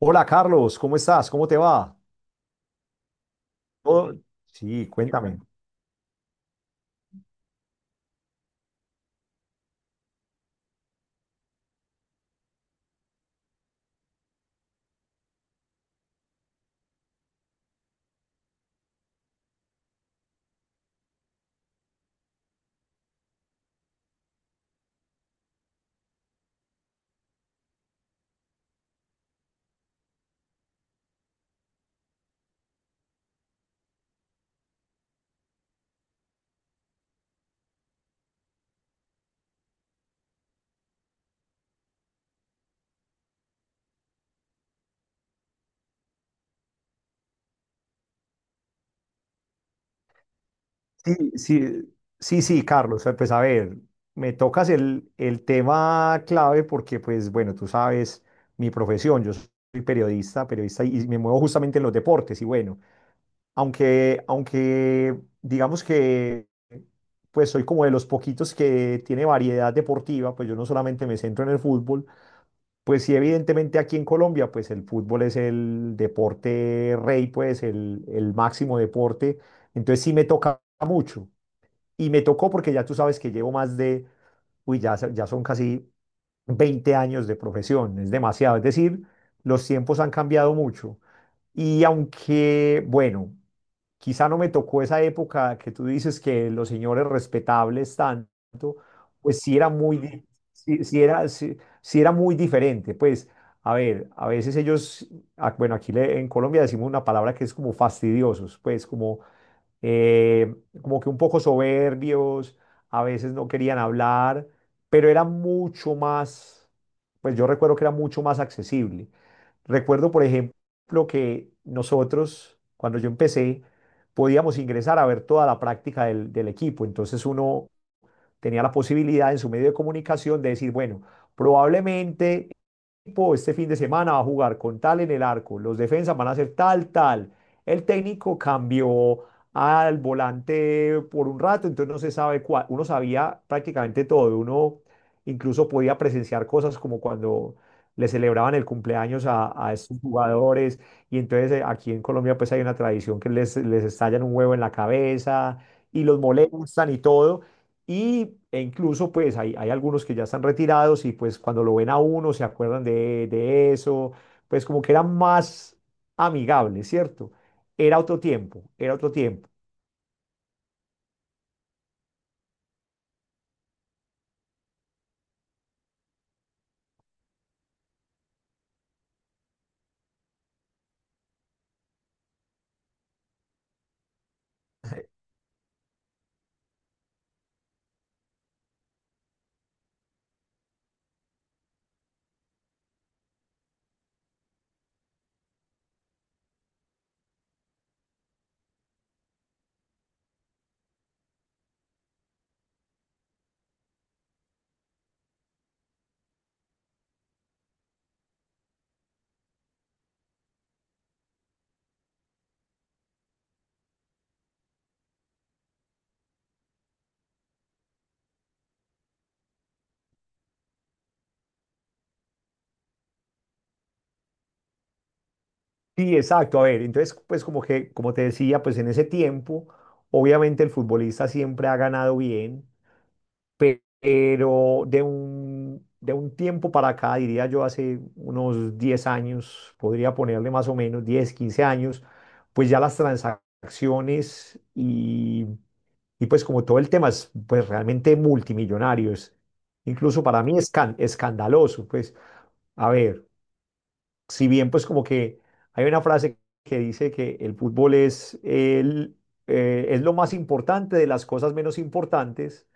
Hola Carlos, ¿cómo estás? ¿Cómo te va? Todo- Sí, cuéntame. Sí, sí, sí, sí, Carlos, pues a ver, me tocas el tema clave porque, pues bueno, tú sabes mi profesión. Yo soy periodista, periodista, y me muevo justamente en los deportes. Y bueno, aunque digamos que pues soy como de los poquitos que tiene variedad deportiva, pues yo no solamente me centro en el fútbol. Pues sí, evidentemente aquí en Colombia, pues el fútbol es el deporte rey, pues el máximo deporte. Entonces sí me toca mucho. Y me tocó porque ya tú sabes que llevo más de, uy, ya, ya son casi 20 años de profesión. Es demasiado. Es decir, los tiempos han cambiado mucho. Y aunque, bueno, quizá no me tocó esa época que tú dices que los señores respetables tanto, pues sí era muy, sí, sí era muy diferente. Pues, a ver, a veces ellos, ah, bueno, aquí en Colombia decimos una palabra que es como fastidiosos, pues como eh, como que un poco soberbios, a veces no querían hablar, pero era mucho más, pues yo recuerdo que era mucho más accesible. Recuerdo, por ejemplo, que nosotros, cuando yo empecé, podíamos ingresar a ver toda la práctica del equipo. Entonces uno tenía la posibilidad en su medio de comunicación de decir, bueno, probablemente equipo este fin de semana va a jugar con tal en el arco, los defensas van a hacer tal, tal. El técnico cambió al volante por un rato, entonces no se sabe cuál. Uno sabía prácticamente todo, uno incluso podía presenciar cosas como cuando le celebraban el cumpleaños a estos jugadores. Y entonces aquí en Colombia pues hay una tradición que les estallan un huevo en la cabeza y los molestan y todo. Y, e incluso pues hay algunos que ya están retirados, y pues cuando lo ven a uno se acuerdan de eso, pues como que era más amigable, ¿cierto? Era otro tiempo, era otro tiempo. Sí, exacto. A ver, entonces pues como que, como te decía, pues en ese tiempo, obviamente el futbolista siempre ha ganado bien, pero de un tiempo para acá, diría yo hace unos 10 años, podría ponerle más o menos 10 15 años, pues ya las transacciones y pues como todo el tema es pues realmente multimillonario, incluso para mí es escandaloso. Pues a ver, si bien pues como que hay una frase que dice que el fútbol es el… es lo más importante de las cosas menos importantes.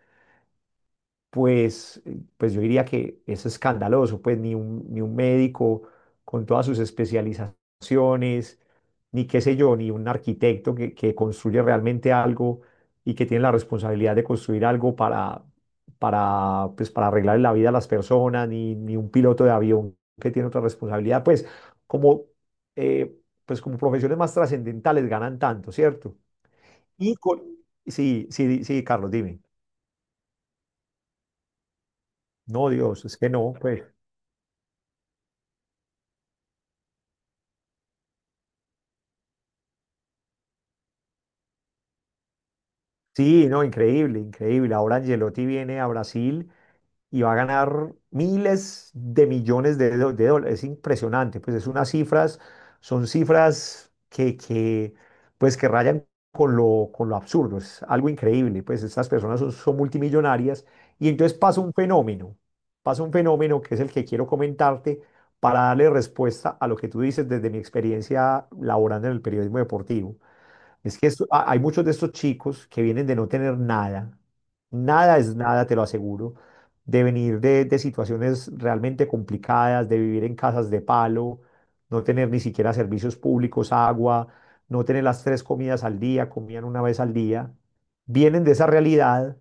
Pues, pues yo diría que es escandaloso, pues ni un, ni un médico con todas sus especializaciones, ni qué sé yo, ni un arquitecto que construye realmente algo y que tiene la responsabilidad de construir algo para, pues, para arreglar la vida a las personas, ni, ni un piloto de avión que tiene otra responsabilidad, como, eh, pues como profesiones más trascendentales ganan tanto, ¿cierto? Y con… Sí, sí, sí, Carlos, dime. No, Dios, es que no, pues. Sí, no, increíble, increíble. Ahora Angelotti viene a Brasil y va a ganar miles de millones de, de dólares. Es impresionante, pues es unas cifras, son cifras que, pues que rayan con lo absurdo. Es algo increíble, pues estas personas son, son multimillonarias. Y entonces pasa un fenómeno que es el que quiero comentarte para darle respuesta a lo que tú dices desde mi experiencia laborando en el periodismo deportivo. Es que hay muchos de estos chicos que vienen de no tener nada. Nada es nada, te lo aseguro, de venir de situaciones realmente complicadas, de vivir en casas de palo, no tener ni siquiera servicios públicos, agua, no tener las tres comidas al día, comían una vez al día, vienen de esa realidad.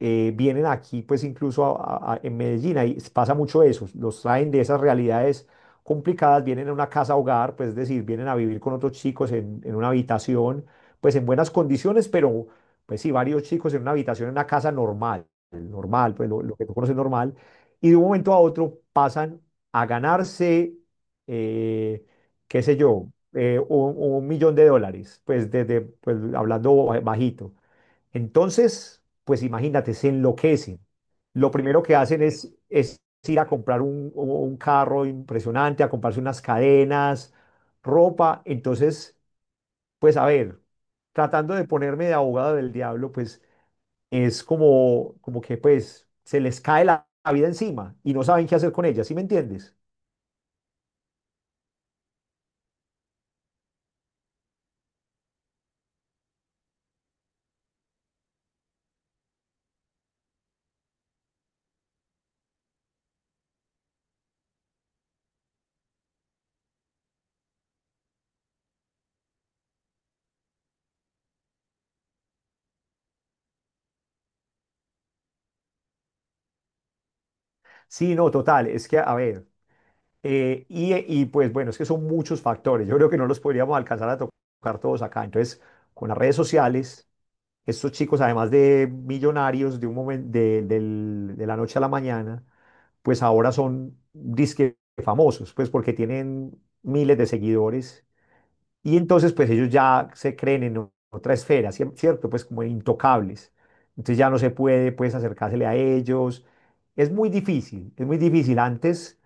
Eh, vienen aquí, pues incluso en Medellín, ahí pasa mucho eso, los traen de esas realidades complicadas, vienen a una casa hogar, pues es decir, vienen a vivir con otros chicos en una habitación, pues en buenas condiciones, pero pues sí, varios chicos en una habitación, en una casa normal, normal, pues lo que tú conoces normal, y de un momento a otro pasan a ganarse, eh, qué sé yo, un, $1 millón, pues desde, pues hablando bajito. Entonces, pues imagínate, se enloquecen. Lo primero que hacen es ir a comprar un carro impresionante, a comprarse unas cadenas, ropa. Entonces, pues a ver, tratando de ponerme de abogado del diablo, pues es como, como que pues se les cae la, la vida encima y no saben qué hacer con ella, ¿sí me entiendes? Sí, no, total, es que a ver. Y, pues bueno, es que son muchos factores. Yo creo que no los podríamos alcanzar a tocar todos acá. Entonces, con las redes sociales, estos chicos, además de millonarios de, de, de la noche a la mañana, pues ahora son disque famosos, pues porque tienen miles de seguidores. Y entonces, pues ellos ya se creen en otra esfera, ¿cierto? Pues como intocables. Entonces ya no se puede, pues, acercársele a ellos. Es muy difícil, es muy difícil. Antes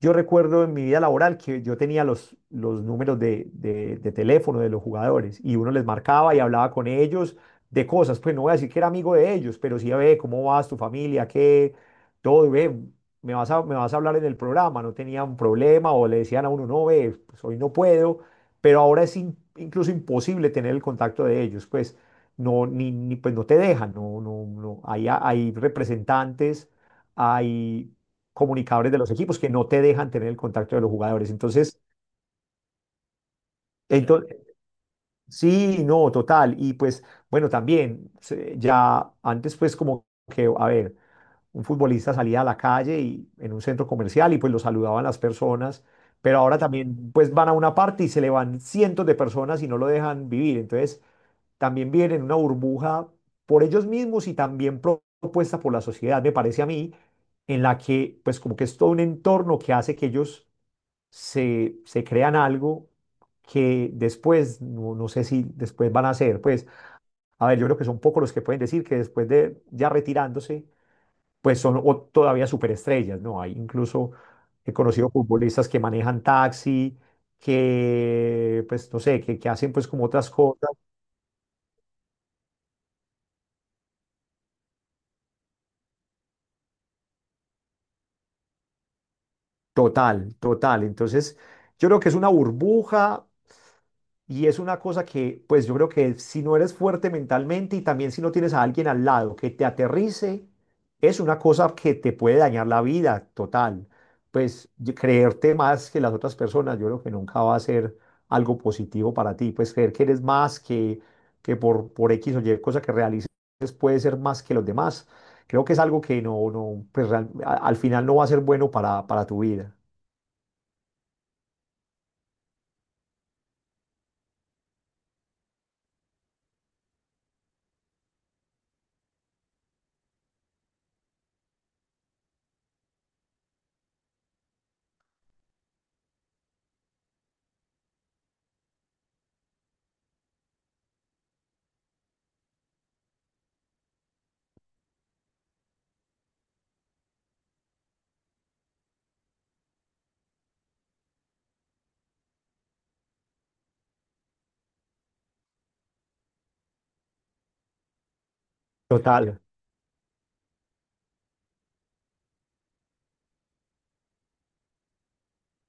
yo recuerdo en mi vida laboral que yo tenía los números de, de teléfono de los jugadores y uno les marcaba y hablaba con ellos de cosas. Pues no voy a decir que era amigo de ellos, pero sí, ve, ¿cómo vas, tu familia? ¿Qué? Todo, ve, me vas a hablar en el programa. No tenían problema o le decían a uno, no, ve, pues hoy no puedo. Pero ahora es incluso imposible tener el contacto de ellos, pues no, ni, pues no te dejan, no, no, no. Hay representantes. Hay comunicadores de los equipos que no te dejan tener el contacto de los jugadores. Entonces, sí, no, total. Y pues, bueno, también, ya antes pues como que, a ver, un futbolista salía a la calle y en un centro comercial y pues lo saludaban las personas, pero ahora también pues van a una parte y se le van cientos de personas y no lo dejan vivir. Entonces, también viven en una burbuja por ellos mismos y también propuesta por la sociedad, me parece a mí, en la que pues como que es todo un entorno que hace que ellos se, se crean algo que después, no, no sé si después van a hacer, pues, a ver, yo creo que son pocos los que pueden decir que después de ya retirándose, pues son o todavía superestrellas, ¿no? Hay incluso, he conocido futbolistas que manejan taxi, que, pues, no sé, que hacen pues como otras cosas. Total, total. Entonces, yo creo que es una burbuja. Y es una cosa que, pues yo creo que si no eres fuerte mentalmente y también si no tienes a alguien al lado que te aterrice, es una cosa que te puede dañar la vida total. Pues creerte más que las otras personas, yo creo que nunca va a ser algo positivo para ti. Pues creer que eres más que por X o Y cosa que realices puede ser más que los demás. Creo que es algo que no, no, pues al final no va a ser bueno para tu vida. Total.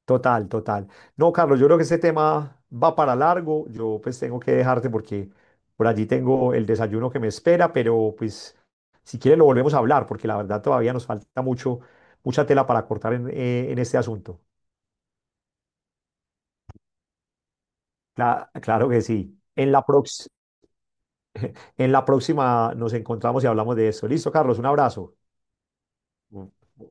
Total, total. No, Carlos, yo creo que este tema va para largo. Yo pues tengo que dejarte porque por allí tengo el desayuno que me espera, pero pues si quieres lo volvemos a hablar porque la verdad todavía nos falta mucho, mucha tela para cortar en este asunto. Claro que sí. En la en la próxima nos encontramos y hablamos de eso. Listo, Carlos, un abrazo. Mm.